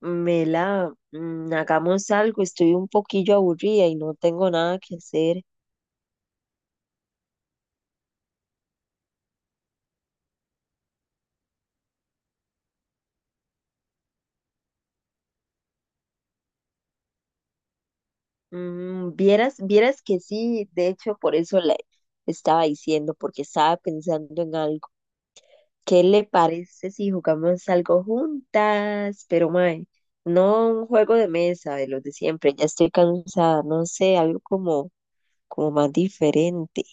Mela, hagamos algo, estoy un poquillo aburrida y no tengo nada que hacer. Vieras que sí, de hecho por eso le estaba diciendo, porque estaba pensando en algo. ¿Qué le parece si jugamos algo juntas? Pero mae, no un juego de mesa de los de siempre, ya estoy cansada, no sé, algo como, como más diferente.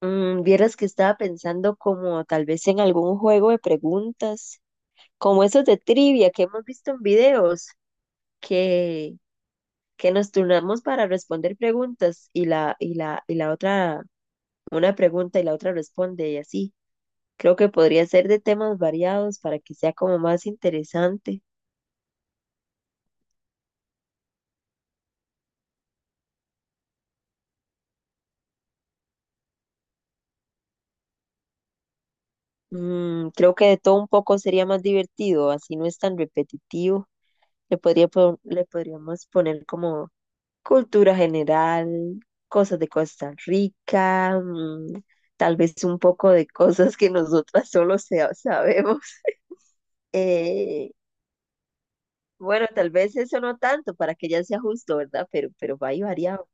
Vieras que estaba pensando como tal vez en algún juego de preguntas, como esos de trivia que hemos visto en videos, que, que nos turnamos para responder preguntas y la otra, una pregunta y la otra responde y así. Creo que podría ser de temas variados para que sea como más interesante. Creo que de todo un poco sería más divertido, así no es tan repetitivo. Le podríamos poner como cultura general, cosas de Costa Rica, tal vez un poco de cosas que nosotras sabemos. Eh, bueno, tal vez eso no tanto para que ya sea justo, ¿verdad? Pero va y variado.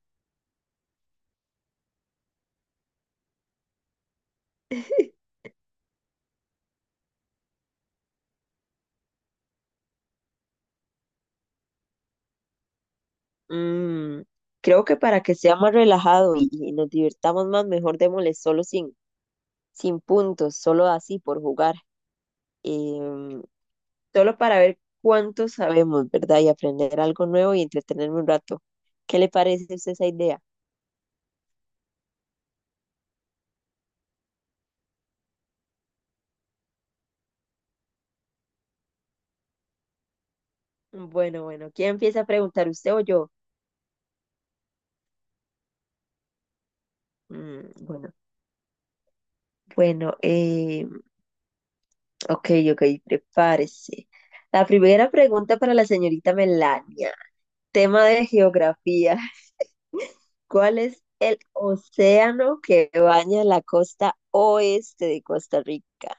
Mm, creo que para que sea más relajado y nos divirtamos más, mejor démosle solo sin, sin puntos, solo así por jugar. Em, solo para ver cuánto sabemos, ¿verdad? Y aprender algo nuevo y entretenerme un rato. ¿Qué le parece a usted esa idea? Bueno, bueno, ¿quién empieza a preguntar, usted o yo? Bueno, bueno, ok, ok, prepárese. La primera pregunta para la señorita Melania, tema de geografía. ¿Cuál es el océano que baña la costa oeste de Costa Rica?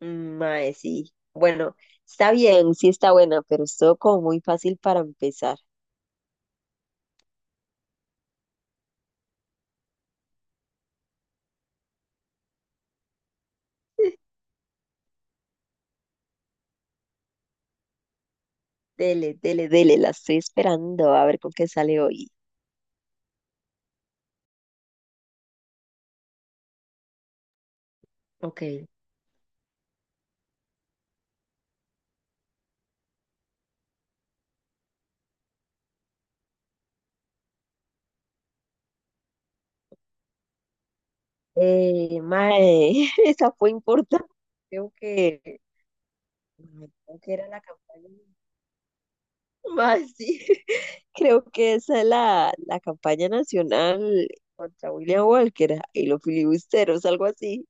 Mae, sí. Bueno, está bien, sí está buena, pero estuvo como muy fácil para empezar. Dele, dele, dele, la estoy esperando a ver con qué sale hoy. Ok. Mae, esa fue importante. Creo que, creo que era la campaña. Mae, sí, creo que esa es la campaña nacional contra William Walker y los filibusteros, algo así.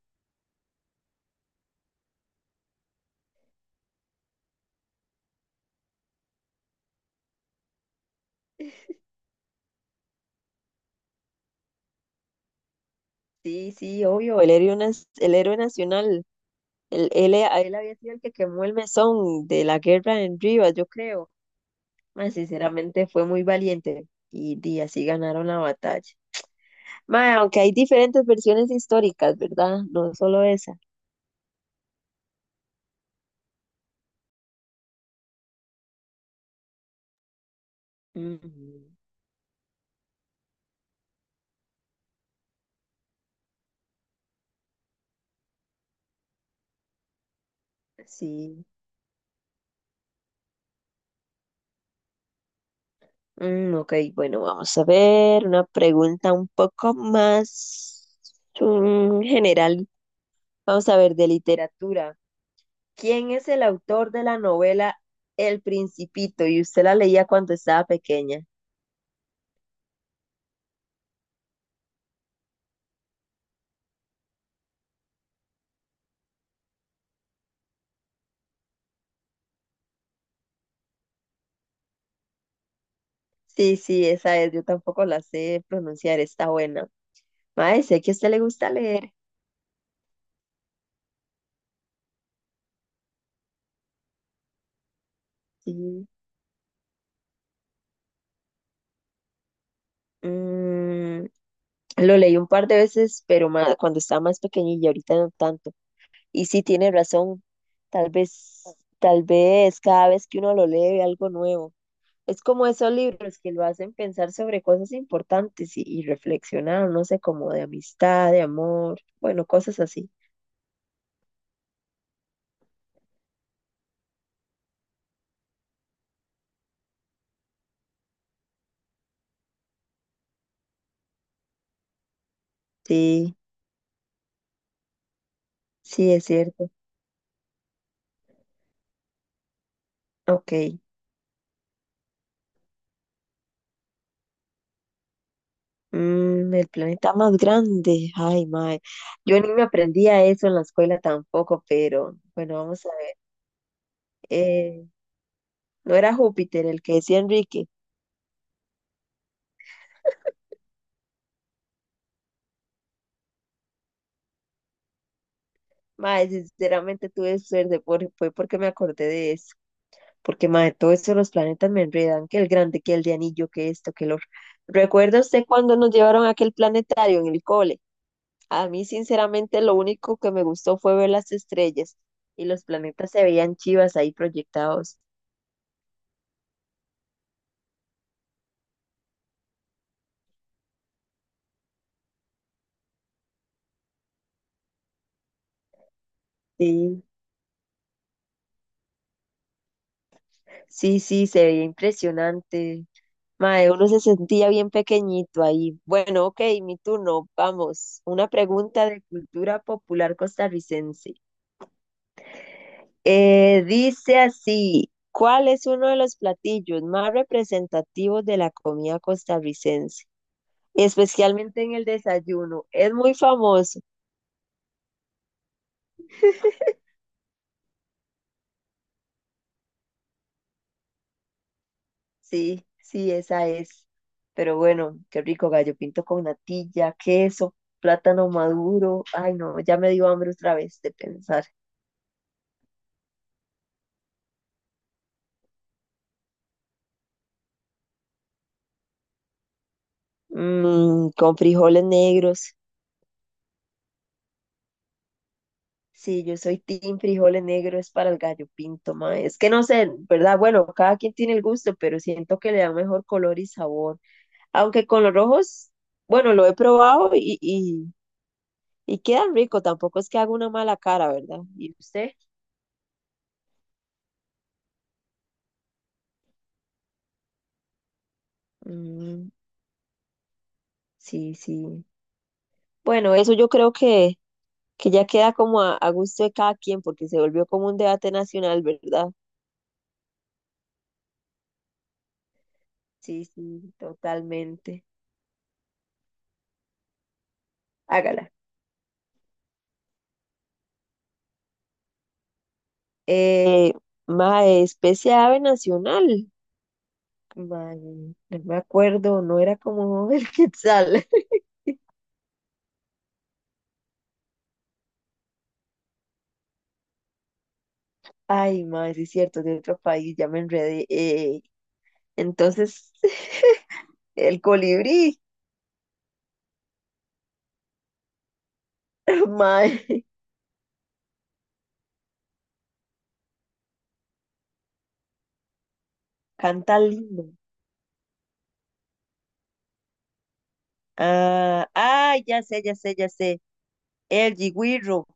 Sí, sí, obvio, el héroe nacional. A él había sido el que quemó el mesón de la guerra en Rivas, yo creo. Mae, sinceramente fue muy valiente y, di, así ganaron la batalla. Mae, aunque hay diferentes versiones históricas, ¿verdad? No solo esa. Ujú. Sí. Ok, bueno, vamos a ver una pregunta un poco más general. Vamos a ver, de literatura. ¿Quién es el autor de la novela El Principito? Y usted la leía cuando estaba pequeña. Sí, sí, esa es. Yo tampoco la sé pronunciar. Está buena. Mae, sé que a usted le gusta leer. Sí. Mm, lo leí un par de veces, pero cuando estaba más pequeñilla, ahorita no tanto. Y sí, tiene razón. Tal vez, tal vez cada vez que uno lo lee ve algo nuevo. Es como esos libros que lo hacen pensar sobre cosas importantes y reflexionar, no sé, como de amistad, de amor, bueno, cosas así. Sí, sí, es cierto. Ok. El planeta más grande. Ay, mae. Yo ni me aprendía eso en la escuela tampoco, pero bueno, vamos a ver. Eh, No era Júpiter el que decía Enrique. Mae, sinceramente tuve suerte, por, fue porque me acordé de eso. Porque, mae, todo eso de los planetas me enredan, que el grande, que el de anillo, que esto, que lo... ¿Recuerda usted cuando nos llevaron a aquel planetario en el cole? A mí, sinceramente, lo único que me gustó fue ver las estrellas y los planetas se veían chivas ahí proyectados. Sí, sí, sí, se veía impresionante. Mae, uno se sentía bien pequeñito ahí. Bueno, ok, mi turno. Vamos. Una pregunta de cultura popular costarricense. Dice así, ¿cuál es uno de los platillos más representativos de la comida costarricense? Especialmente en el desayuno. Es muy famoso. Sí, sí, esa es. Pero bueno, qué rico gallo pinto con natilla, queso, plátano maduro. Ay, no, ya me dio hambre otra vez de pensar. Con frijoles negros. Sí, yo soy team frijoles negros para el gallo pinto, ma. Es que no sé, ¿verdad? Bueno, cada quien tiene el gusto, pero siento que le da mejor color y sabor. Aunque con los rojos, bueno, lo he probado y quedan rico. Tampoco es que haga una mala cara, ¿verdad? ¿Y usted? Mm, sí, sí. Bueno, eso yo creo que ya queda como a gusto de cada quien, porque se volvió como un debate nacional, ¿verdad? Sí, sí, totalmente. Hágala. Eh, mae, especie de ave nacional. Mae, no me acuerdo, no era como el quetzal. Ay, mae, sí es cierto, de otro país, ya me enredé. Entonces, el colibrí, mae, canta lindo. Ah, ay, ya sé, ya sé, ya sé. El jiguirro.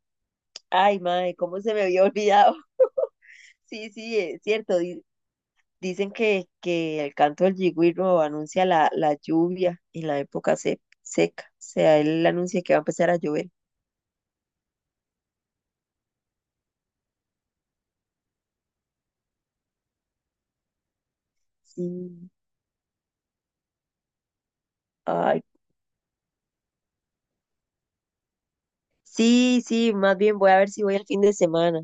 Ay, mae, cómo se me había olvidado. Sí, sí, es cierto, dicen que el canto del yigüiro anuncia la lluvia en la seca. O sea, él anuncia que va a empezar a llover. Sí. Ay, sí, sí, más bien voy a ver si voy el fin de semana.